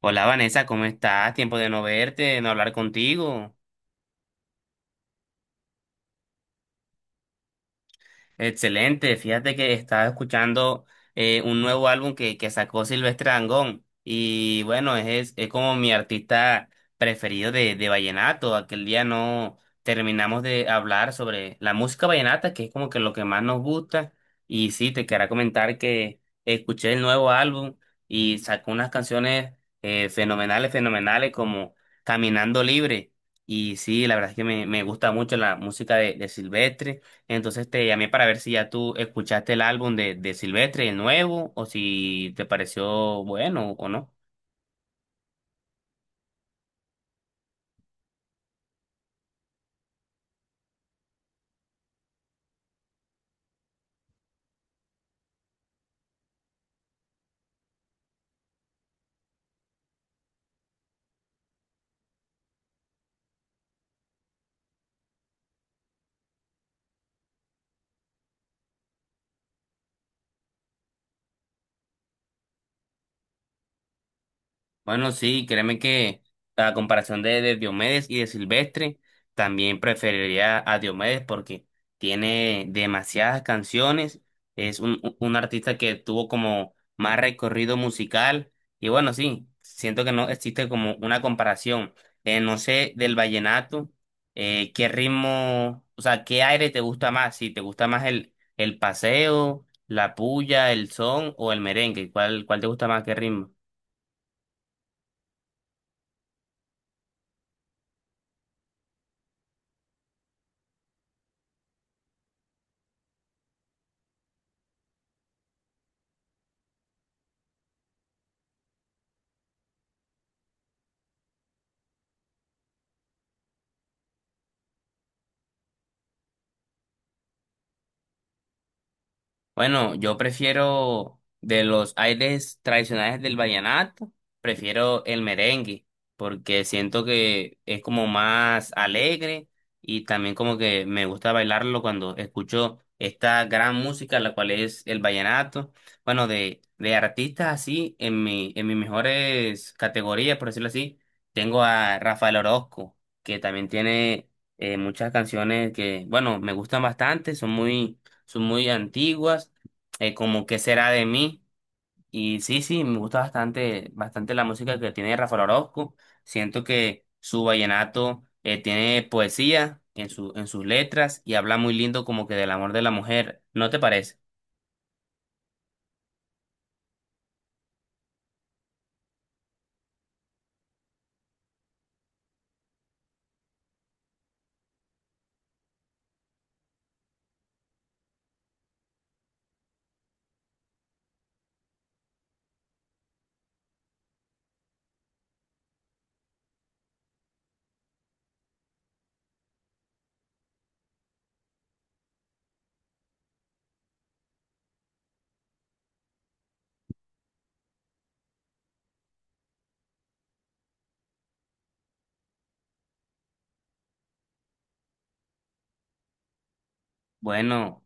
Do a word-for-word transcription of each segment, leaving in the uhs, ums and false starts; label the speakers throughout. Speaker 1: Hola Vanessa, ¿cómo estás? Tiempo de no verte, de no hablar contigo. Excelente, fíjate que estaba escuchando eh, un nuevo álbum que, que sacó Silvestre Dangond y bueno, es, es como mi artista preferido de, de vallenato. Aquel día no terminamos de hablar sobre la música vallenata, que es como que lo que más nos gusta. Y sí, te quería comentar que escuché el nuevo álbum y sacó unas canciones eh, fenomenales, fenomenales como Caminando Libre. Y sí, la verdad es que me, me gusta mucho la música de, de Silvestre. Entonces te llamé para ver si ya tú escuchaste el álbum de, de Silvestre, el nuevo, o si te pareció bueno o no. Bueno, sí, créeme que a comparación de, de Diomedes y de Silvestre, también preferiría a Diomedes porque tiene demasiadas canciones, es un, un un artista que tuvo como más recorrido musical y bueno, sí, siento que no existe como una comparación. Eh, no sé, del vallenato, eh, ¿qué ritmo, o sea, qué aire te gusta más? Si te gusta más el, el paseo, la puya, el son o el merengue, ¿cuál, cuál te gusta más, qué ritmo? Bueno, yo prefiero de los aires tradicionales del vallenato, prefiero el merengue, porque siento que es como más alegre y también como que me gusta bailarlo cuando escucho esta gran música, la cual es el vallenato. Bueno, de, de artistas así, en mi, en mis mejores categorías, por decirlo así, tengo a Rafael Orozco, que también tiene eh, muchas canciones que, bueno, me gustan bastante, son muy son muy antiguas, eh, como ¿Qué será de mí? Y sí, sí, me gusta bastante, bastante la música que tiene Rafael Orozco. Siento que su vallenato eh, tiene poesía en su, en sus letras y habla muy lindo como que del amor de la mujer. ¿No te parece? Bueno.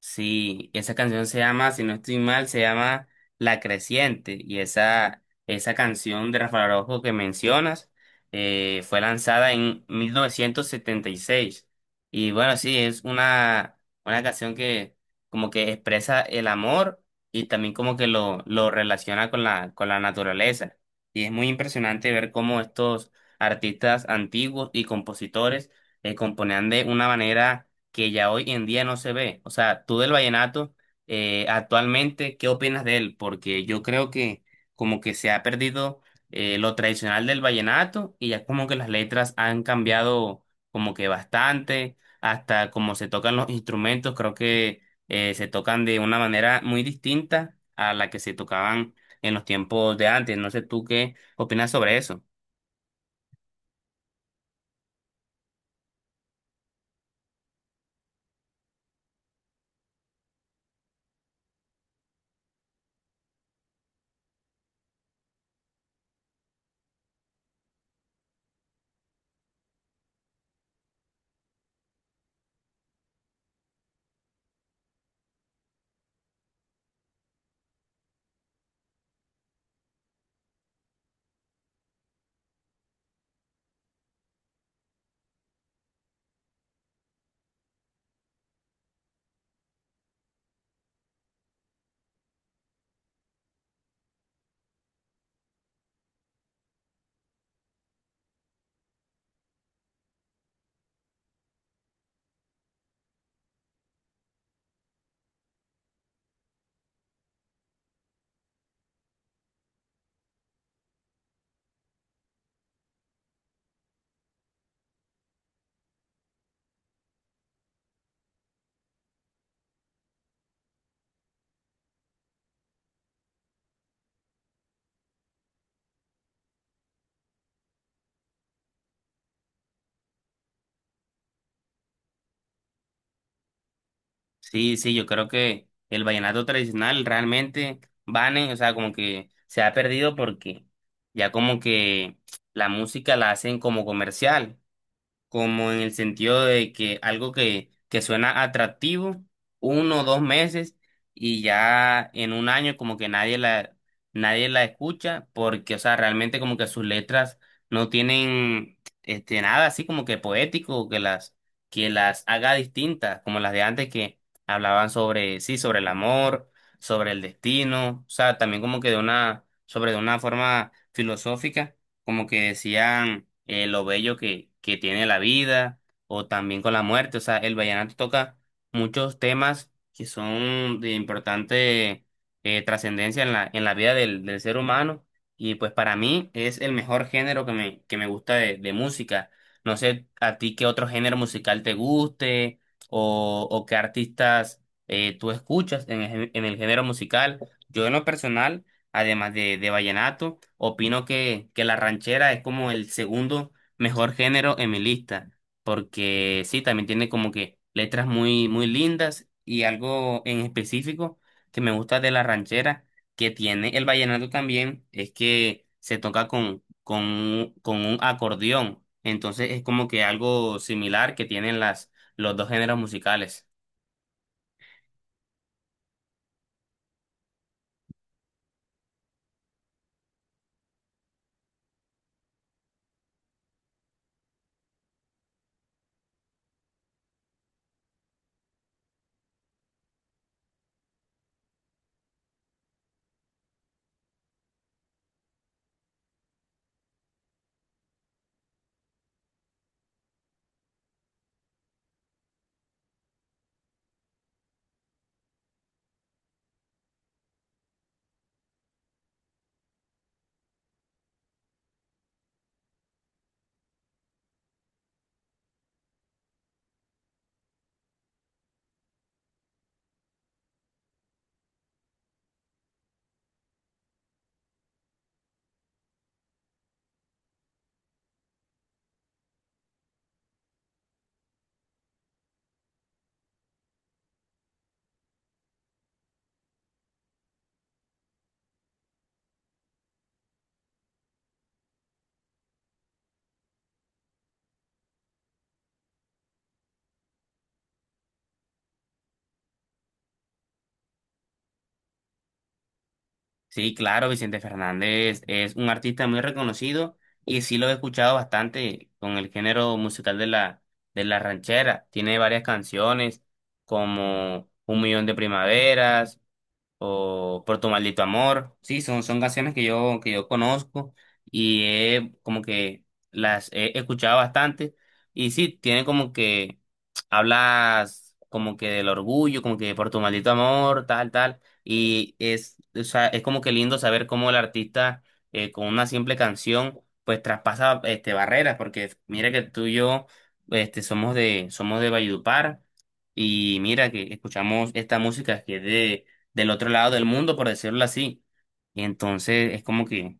Speaker 1: Sí, esa canción se llama, si no estoy mal, se llama La Creciente. Y esa, esa canción de Rafael Araujo que mencionas eh, fue lanzada en mil novecientos setenta y seis. Y seis. Y bueno, sí, es una, una canción que como que expresa el amor y también como que lo, lo relaciona con la, con la naturaleza. Y es muy impresionante ver cómo estos artistas antiguos y compositores eh, componían de una manera que ya hoy en día no se ve. O sea, tú del vallenato, eh, actualmente, ¿qué opinas de él? Porque yo creo que como que se ha perdido eh, lo tradicional del vallenato y ya como que las letras han cambiado como que bastante, hasta como se tocan los instrumentos, creo que eh, se tocan de una manera muy distinta a la que se tocaban en los tiempos de antes. No sé tú qué opinas sobre eso. Sí, sí, yo creo que el vallenato tradicional realmente, Vane, o sea, como que se ha perdido porque ya como que la música la hacen como comercial como en el sentido de que algo que, que suena atractivo, uno o dos meses, y ya en un año como que nadie la, nadie la escucha, porque, o sea, realmente como que sus letras no tienen este, nada así como que poético, que las, que las haga distintas, como las de antes que hablaban sobre, sí, sobre el amor, sobre el destino, o sea, también como que de una, sobre de una forma filosófica como que decían eh, lo bello que, que tiene la vida o también con la muerte. O sea, el vallenato toca muchos temas que son de importante eh, trascendencia en la, en la vida del, del ser humano y pues para mí es el mejor género que me, que me gusta de, de música. No sé a ti qué otro género musical te guste o, o qué artistas eh, tú escuchas en, el gé- en el género musical. Yo en lo personal además de, de vallenato. Opino que, que la ranchera es como el segundo mejor género en mi lista, porque sí, también tiene como que letras muy, muy lindas y algo en específico que me gusta de la ranchera que tiene el vallenato también es que se toca con, con, un- con un acordeón. Entonces es como que algo similar que tienen las, los dos géneros musicales. Sí, claro, Vicente Fernández es un artista muy reconocido y sí lo he escuchado bastante con el género musical de la, de la ranchera. Tiene varias canciones como Un Millón de Primaveras, o Por tu maldito amor. Sí, son, son canciones que yo, que yo conozco y he- como que las he escuchado bastante. Y sí, tiene como que hablas como que del orgullo, como que por tu maldito amor, tal, tal. Y es, o sea, es como que lindo saber cómo el artista eh, con una simple canción pues traspasa este, barreras, porque mira que tú y yo este, somos de, somos de Valledupar. Y mira que escuchamos esta música que es del otro lado del mundo, por decirlo así. Y entonces es como que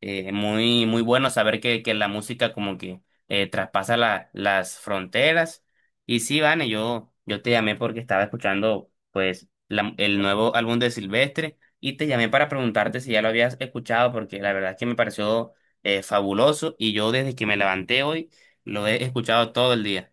Speaker 1: eh, muy, muy bueno saber que, que la música como que eh, traspasa la- las fronteras. Y sí, Vane, yo, yo te llamé porque estaba escuchando pues la- el nuevo álbum de Silvestre y te llamé para preguntarte si ya lo habías escuchado porque la verdad es que me pareció eh, fabuloso y yo desde que me levanté hoy lo he escuchado todo el día.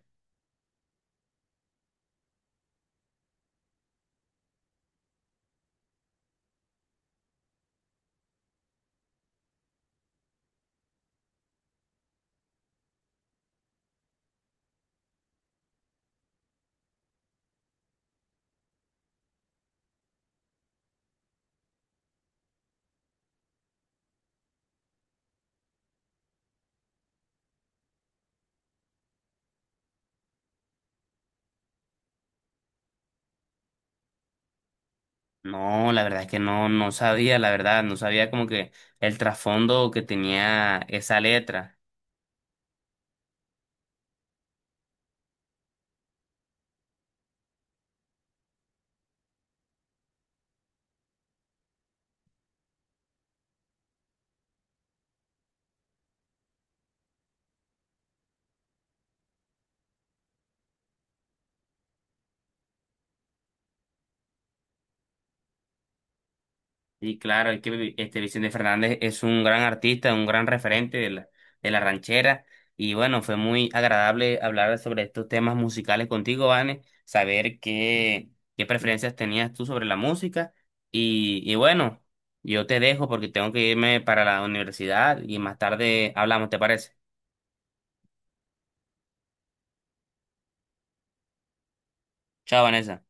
Speaker 1: No, la verdad es que no, no sabía, la verdad, no sabía como que el trasfondo que tenía esa letra. Y claro, es que Vi- este Vicente Fernández es un gran artista, un gran referente de la, de la ranchera. Y bueno, fue muy agradable hablar sobre estos temas musicales contigo, Vane, saber qué, qué preferencias tenías tú sobre la música. Y, y bueno, yo te dejo porque tengo que irme para la universidad y más tarde hablamos, ¿te parece? Chao, Vanessa.